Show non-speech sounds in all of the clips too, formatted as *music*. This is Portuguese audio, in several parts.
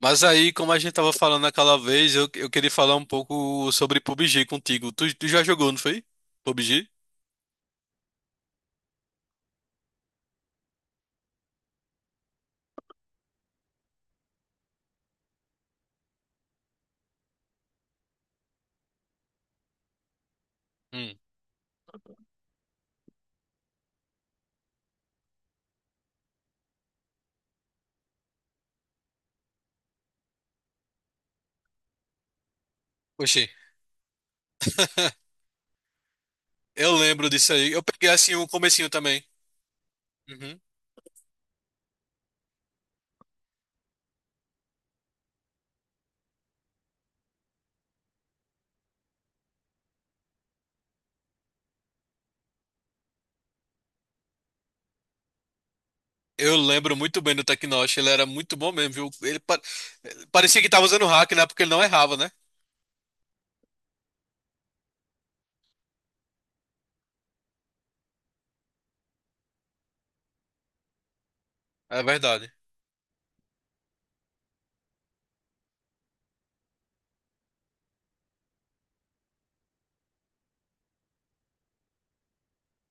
Mas aí, como a gente tava falando naquela vez, eu queria falar um pouco sobre PUBG contigo. Tu já jogou, não foi? PUBG? Hum. Oxi. *laughs* Eu lembro disso aí. Eu peguei assim o comecinho também. Uhum. Eu lembro muito bem do Teknosh, ele era muito bom mesmo, viu? Parecia que tava usando hack, né? Porque ele não errava, né? É verdade.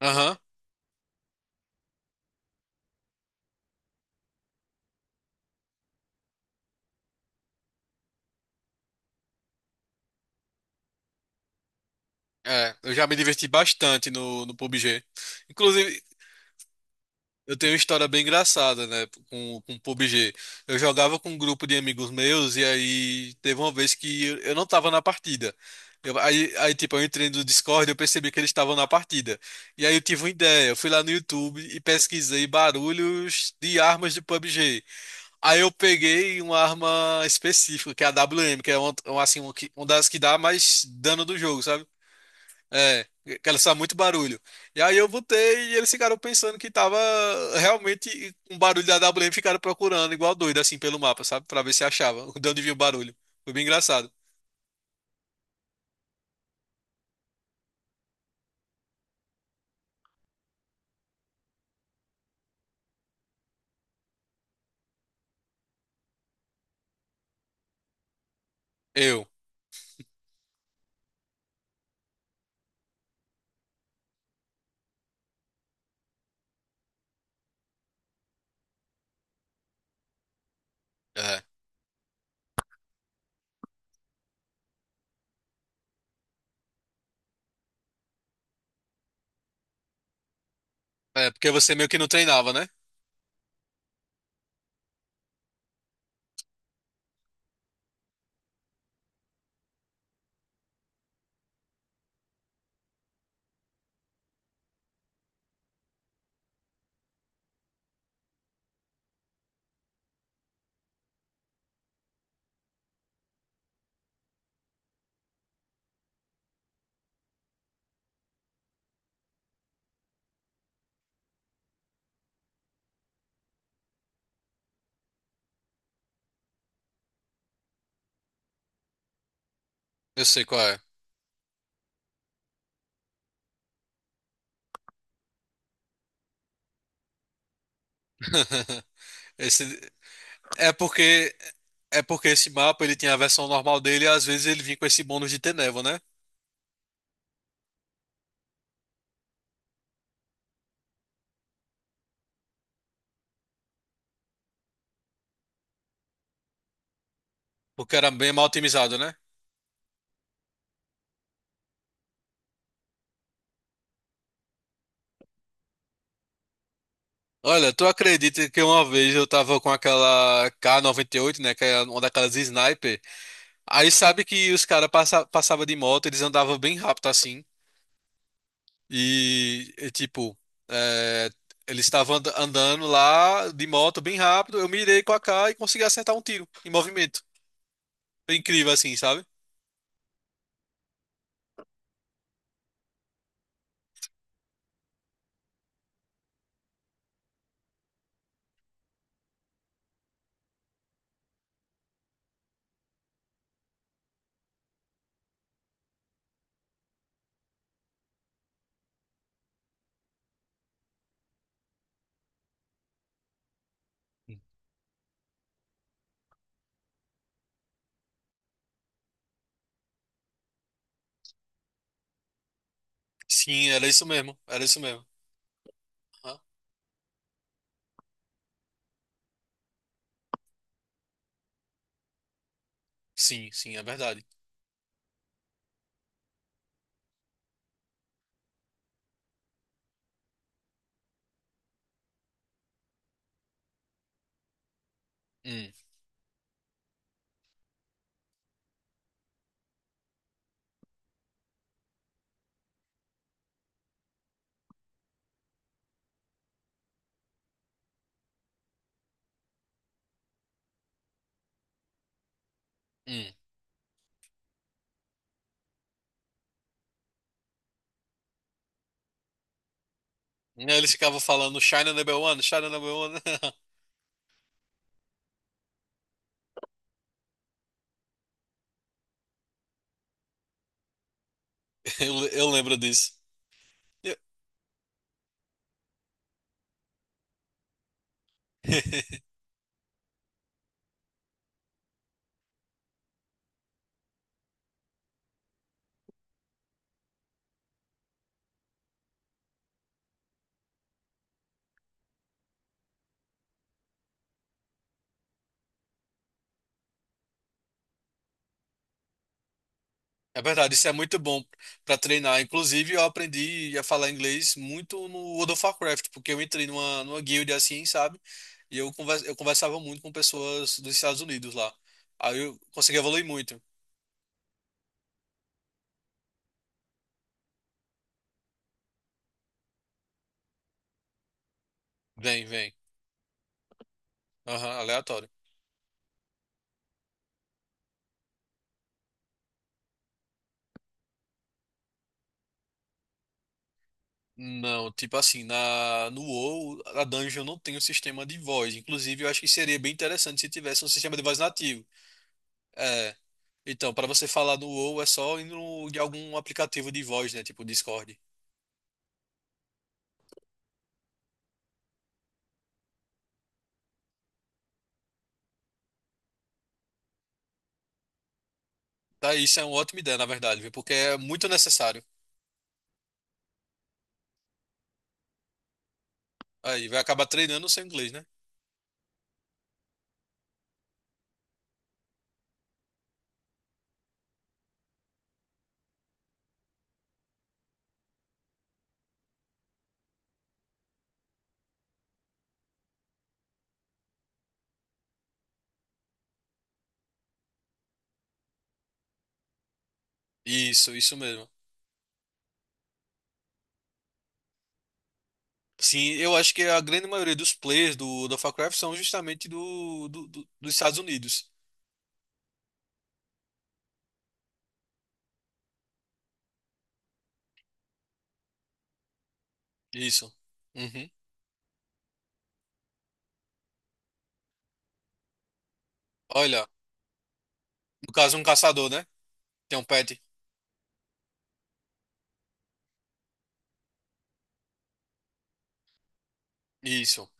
Aham. É, eu já me diverti bastante no PUBG. Inclusive, eu tenho uma história bem engraçada, né, com o PUBG. Eu jogava com um grupo de amigos meus e aí teve uma vez que eu não tava na partida. Aí, tipo, eu entrei no Discord e eu percebi que eles estavam na partida. E aí eu tive uma ideia, eu fui lá no YouTube e pesquisei barulhos de armas de PUBG. Aí eu peguei uma arma específica, que é a WM, que é uma das que dá mais dano do jogo, sabe? É, que ela sabe muito barulho. E aí eu botei e eles ficaram pensando que tava realmente um barulho da A W. AWM, ficaram procurando igual doido assim pelo mapa, sabe? Pra ver se achava, *laughs* de onde vinha o barulho. Foi bem engraçado. Eu. É. É, porque você meio que não treinava, né? Eu sei qual é. *laughs* Esse, é porque é porque esse mapa ele tinha a versão normal dele e às vezes ele vinha com esse bônus de ter névoa, né? Porque era bem mal otimizado, né? Olha, tu acredita que uma vez eu tava com aquela K98, né? Que é uma daquelas sniper. Aí sabe que os caras passavam de moto, eles andavam bem rápido assim. E, tipo, é, eles estavam andando lá de moto bem rápido. Eu mirei com a AK e consegui acertar um tiro em movimento. Foi incrível assim, sabe? Sim, era isso mesmo. Era isso mesmo. Aham. Sim, sim, é verdade. Hum. Hum. E aí eles ficavam falando China number one, China number one. *laughs* Eu lembro disso. Eu- *laughs* É verdade, isso é muito bom pra treinar. Inclusive, eu aprendi a falar inglês muito no World of Warcraft, porque eu entrei numa guild assim, sabe? E eu conversava muito com pessoas dos Estados Unidos lá. Aí eu consegui evoluir muito. Vem, vem. Aham, aleatório. Não, tipo assim, no WoW, a dungeon não tem um sistema de voz. Inclusive, eu acho que seria bem interessante se tivesse um sistema de voz nativo. É, então, para você falar no WoW é só ir no, de algum aplicativo de voz, né? Tipo Discord. Tá, isso é uma ótima ideia, na verdade, viu? Porque é muito necessário. Aí, vai acabar treinando o seu inglês, né? Isso mesmo. Sim, eu acho que a grande maioria dos players do Warcraft são justamente do, dos Estados Unidos. Isso. Uhum. Olha, no caso, um caçador, né? Tem um pet. Isso.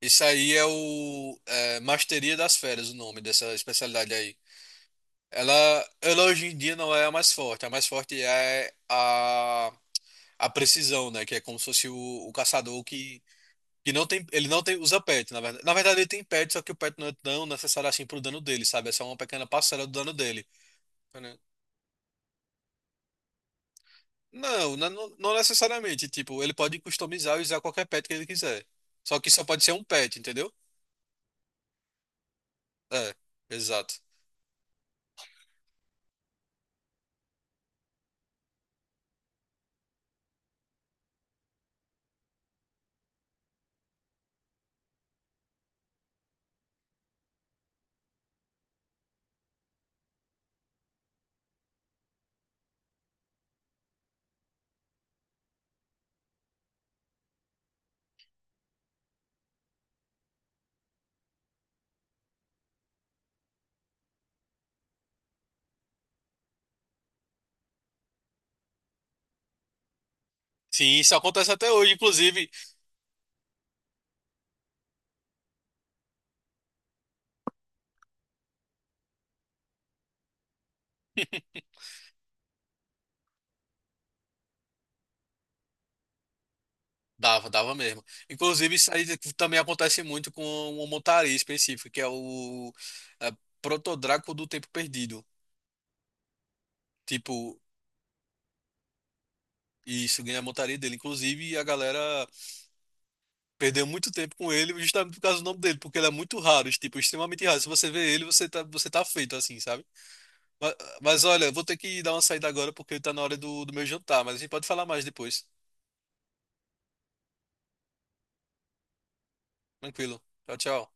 Isso aí é Masteria das Feras, o nome dessa especialidade aí. Ela, ela hoje em dia não é a mais forte. A mais forte é a precisão, né? Que é como se fosse o caçador que não tem. Ele não tem, usa pet, na verdade. Na verdade, ele tem pet, só que o pet não é tão necessário assim pro dano dele, sabe? É só uma pequena parcela do dano dele. Não, não, não necessariamente. Tipo, ele pode customizar e usar qualquer pet que ele quiser. Só que só pode ser um pet, entendeu? É, exato. Sim, isso acontece até hoje, inclusive. Dava, dava mesmo. Inclusive, isso aí também acontece muito com uma montaria específica, que é o é, Protodraco do Tempo Perdido. Tipo, isso ganha a montaria dele. Inclusive, a galera perdeu muito tempo com ele justamente por causa do nome dele, porque ele é muito raro, tipo, extremamente raro. Se você vê ele, você tá feito, assim, sabe? Mas, mas olha, vou ter que dar uma saída agora porque tá na hora do meu jantar, mas a gente pode falar mais depois. Tranquilo. Tchau, tchau.